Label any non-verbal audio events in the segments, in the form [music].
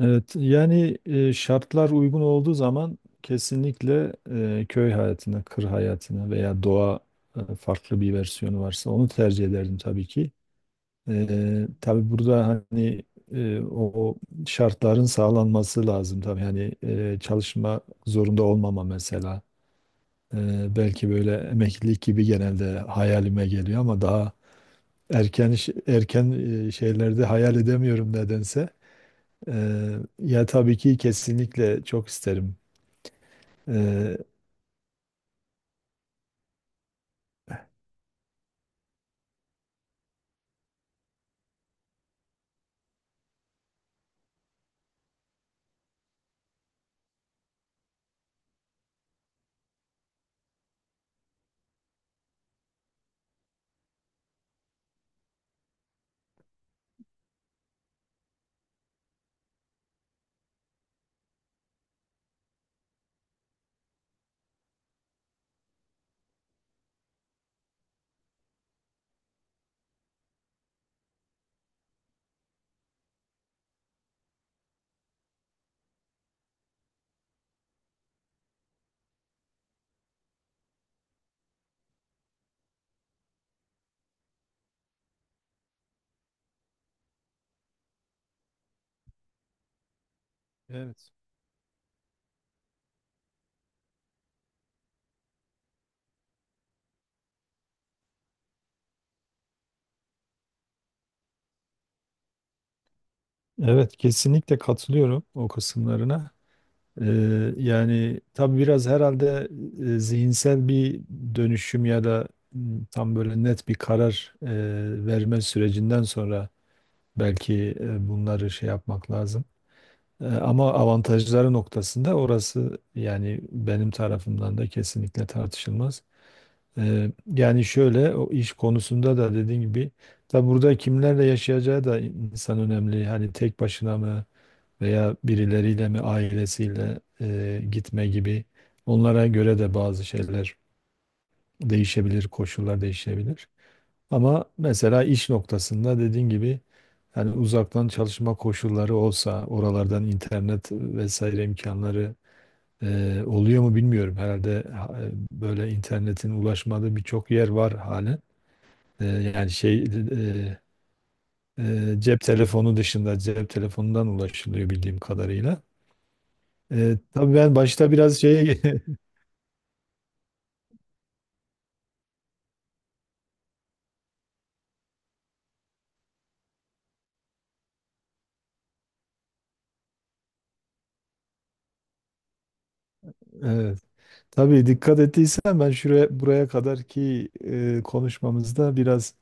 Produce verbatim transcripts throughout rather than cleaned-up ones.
Evet, yani e, şartlar uygun olduğu zaman kesinlikle e, köy hayatına, kır hayatına veya doğa e, farklı bir versiyonu varsa onu tercih ederdim tabii ki. E, tabii burada hani e, o o şartların sağlanması lazım tabii. Hani e, çalışma zorunda olmama mesela. E, belki böyle emeklilik gibi genelde hayalime geliyor ama daha erken iş- erken e, şeylerde hayal edemiyorum nedense. Ee, ya tabii ki kesinlikle çok isterim. Ee, Evet, evet kesinlikle katılıyorum o kısımlarına. Ee, Yani tabii biraz herhalde e, zihinsel bir dönüşüm ya da m, tam böyle net bir karar e, verme sürecinden sonra belki e, bunları şey yapmak lazım. E, ama avantajları noktasında orası yani benim tarafımdan da kesinlikle tartışılmaz. Ee, yani şöyle o iş konusunda da dediğin gibi tabi burada kimlerle yaşayacağı da insan önemli. Hani tek başına mı veya birileriyle mi ailesiyle e, gitme gibi onlara göre de bazı şeyler değişebilir, koşullar değişebilir. Ama mesela iş noktasında dediğin gibi hani uzaktan çalışma koşulları olsa oralardan internet vesaire imkanları e, oluyor mu bilmiyorum. Herhalde ha- böyle internetin ulaşmadığı birçok yer var halen. E, yani şey e, e, cep telefonu dışında cep telefonundan ulaşılıyor bildiğim kadarıyla. E, tabii ben başta biraz şeye [laughs] evet, tabii dikkat ettiysen ben şuraya buraya kadarki e, konuşmamızda biraz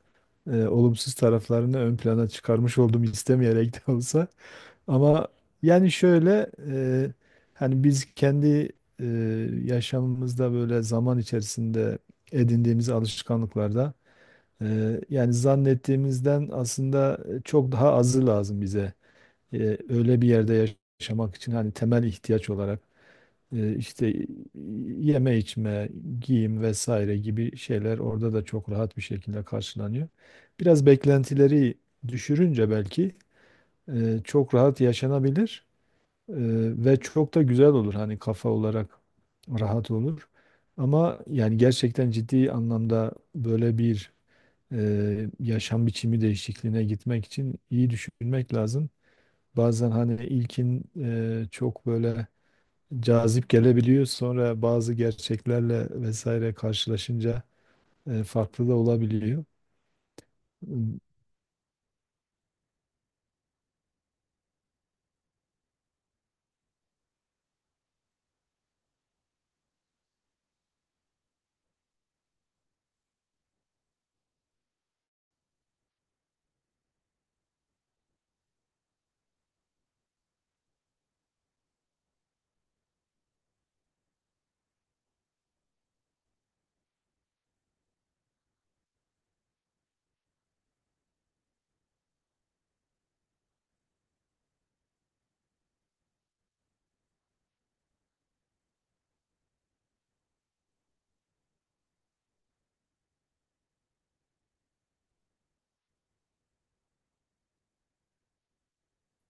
e, olumsuz taraflarını ön plana çıkarmış oldum istemeyerek de olsa. Ama yani şöyle e, hani biz kendi e, yaşamımızda böyle zaman içerisinde edindiğimiz alışkanlıklarda Eee, yani zannettiğimizden aslında e, çok daha azı lazım bize. Eee, öyle bir yerde yaşamak için hani temel ihtiyaç olarak eee, işte yeme içme, giyim vesaire gibi şeyler orada da çok rahat bir şekilde karşılanıyor. Biraz beklentileri düşürünce belki eee, çok rahat yaşanabilir eee, ve çok da güzel olur hani kafa olarak rahat olur. Ama yani gerçekten ciddi anlamda böyle bir e, yaşam biçimi değişikliğine gitmek için iyi düşünmek lazım. Bazen hani ilkin e, çok böyle cazip gelebiliyor. Sonra bazı gerçeklerle vesaire karşılaşınca e, farklı da olabiliyor.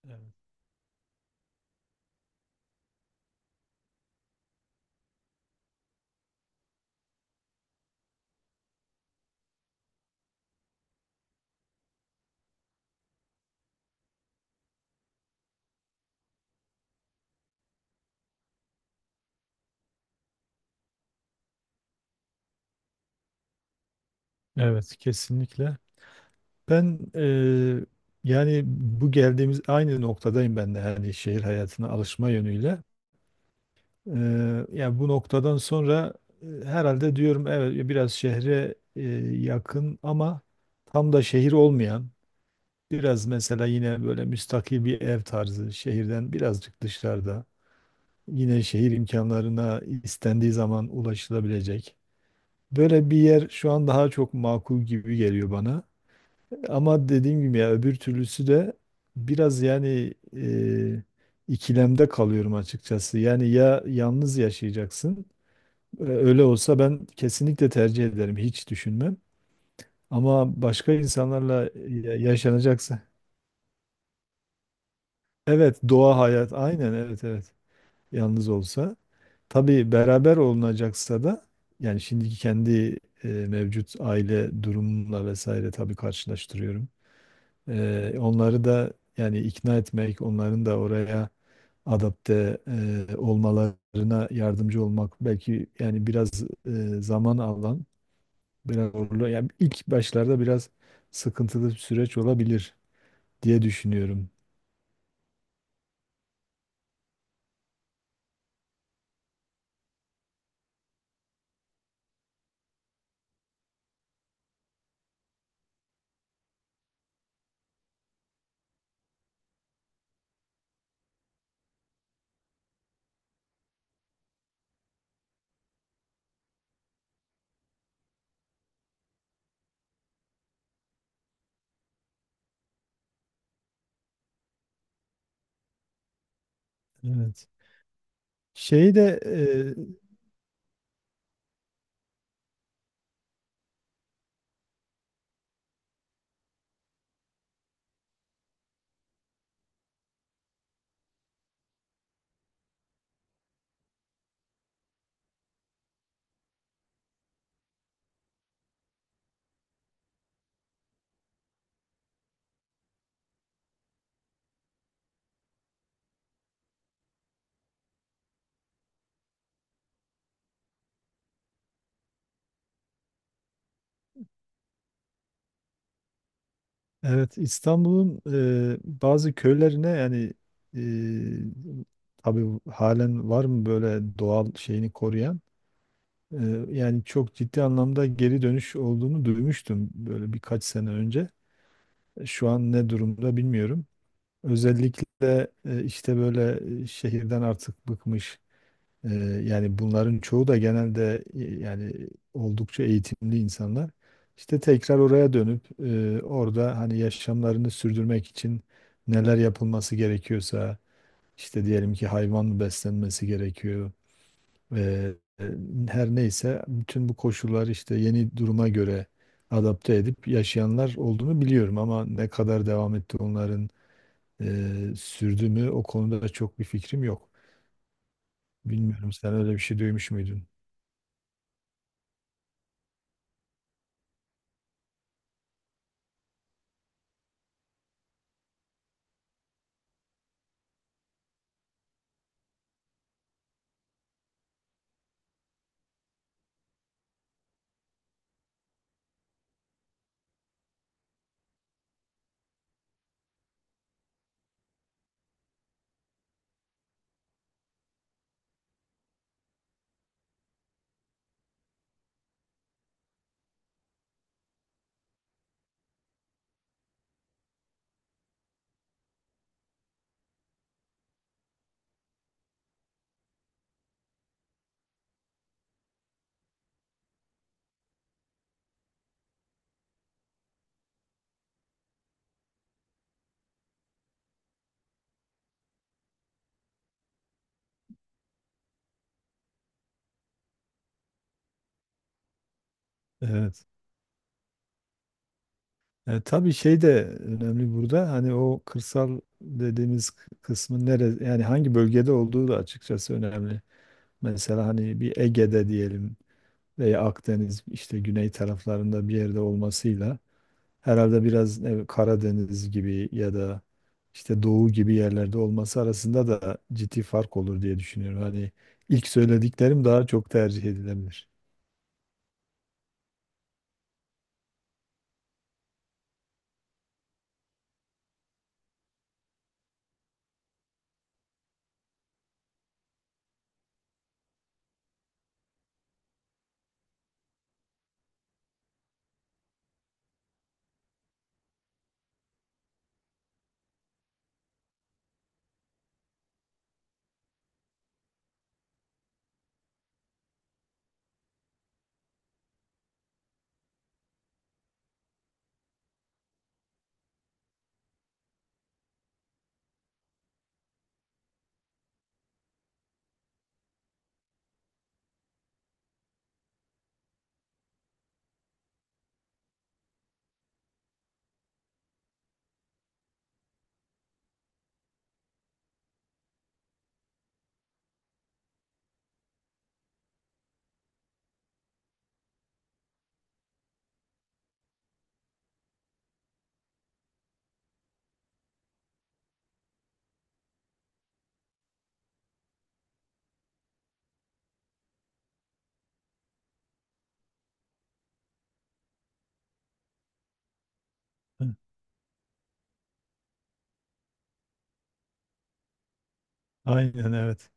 Evet. Evet, kesinlikle. Ben eee, yani bu geldiğimiz aynı noktadayım ben de yani şehir hayatına alışma yönüyle. Eee, yani bu noktadan sonra e, herhalde diyorum evet biraz şehre e, yakın ama tam da şehir olmayan biraz mesela yine böyle müstakil bir ev tarzı şehirden birazcık dışarıda yine şehir imkanlarına istendiği zaman ulaşılabilecek. Böyle bir yer şu an daha çok makul gibi geliyor bana. Ama dediğim gibi ya öbür türlüsü de biraz yani e, ikilemde kalıyorum açıkçası. Yani ya yalnız yaşayacaksın ee, öyle olsa ben kesinlikle tercih ederim, hiç düşünmem. Ama başka insanlarla ya- yaşanacaksa, evet doğa hayat, aynen evet, evet, yalnız olsa. Tabii beraber olunacaksa da yani şimdiki kendi e, mevcut aile durumumla vesaire tabii karşılaştırıyorum. Ee, onları da yani ikna etmek, onların da oraya adapte e, olmalarına yardımcı olmak belki yani biraz e, zaman alan. Biraz zorlu. Yani ilk başlarda biraz sıkıntılı bir süreç olabilir diye düşünüyorum. Evet. Şeyi de e, evet İstanbul'un e, bazı köylerine yani e, tabii halen var mı böyle doğal şeyini koruyan? E, Yani çok ciddi anlamda geri dönüş olduğunu duymuştum böyle birkaç sene önce. Şu an ne durumda bilmiyorum. Özellikle e, işte böyle e, şehirden artık bıkmış. Ee, Yani bunların çoğu da genelde e, yani oldukça eğitimli insanlar. İşte tekrar oraya dönüp e, orada hani yaşamlarını sürdürmek için neler yapılması gerekiyorsa işte diyelim ki hayvan mı beslenmesi gerekiyor. e, e, her neyse bütün bu koşullar işte yeni duruma göre adapte edip yaşayanlar olduğunu biliyorum ama ne kadar devam etti onların e, sürdü mü o konuda da çok bir fikrim yok. Bilmiyorum sen öyle bir şey duymuş muydun? Evet. E, tabii şey de önemli burada. Hani o kırsal dediğimiz kısmın nere yani hangi bölgede olduğu da açıkçası önemli. Mesela hani bir Ege'de diyelim veya Akdeniz işte güney taraflarında bir yerde olmasıyla herhalde biraz ne- Karadeniz gibi ya da işte Doğu gibi yerlerde olması arasında da ciddi fark olur diye düşünüyorum. Hani ilk söylediklerim daha çok tercih edilebilir. Hı, aynen evet.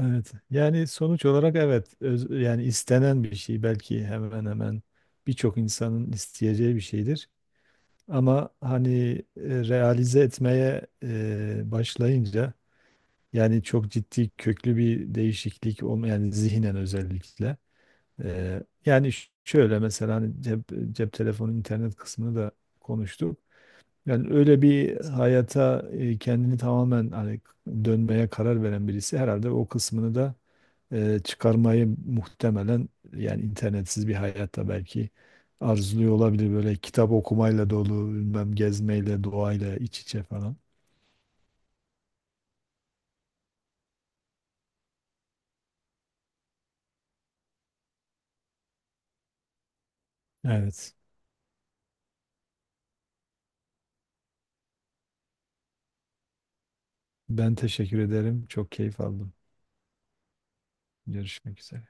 Evet. Yani sonuç olarak evet. Öz- yani istenen bir şey belki hemen hemen birçok insanın isteyeceği bir şeydir. Ama hani e, realize etmeye e, başlayınca yani çok ciddi köklü bir değişiklik olma yani zihnen özellikle. E, yani ş- şöyle mesela hani cep, cep telefonu internet kısmını da konuştuk. Yani öyle bir hayata e, kendini tamamen hani dönmeye karar veren birisi herhalde o kısmını da e, çıkarmayı muhtemelen yani internetsiz bir hayatta belki arzuluyor olabilir. Böyle kitap okumayla dolu, bilmem gezmeyle, doğayla iç içe falan. Evet. Ben teşekkür ederim. Çok keyif aldım. Görüşmek üzere.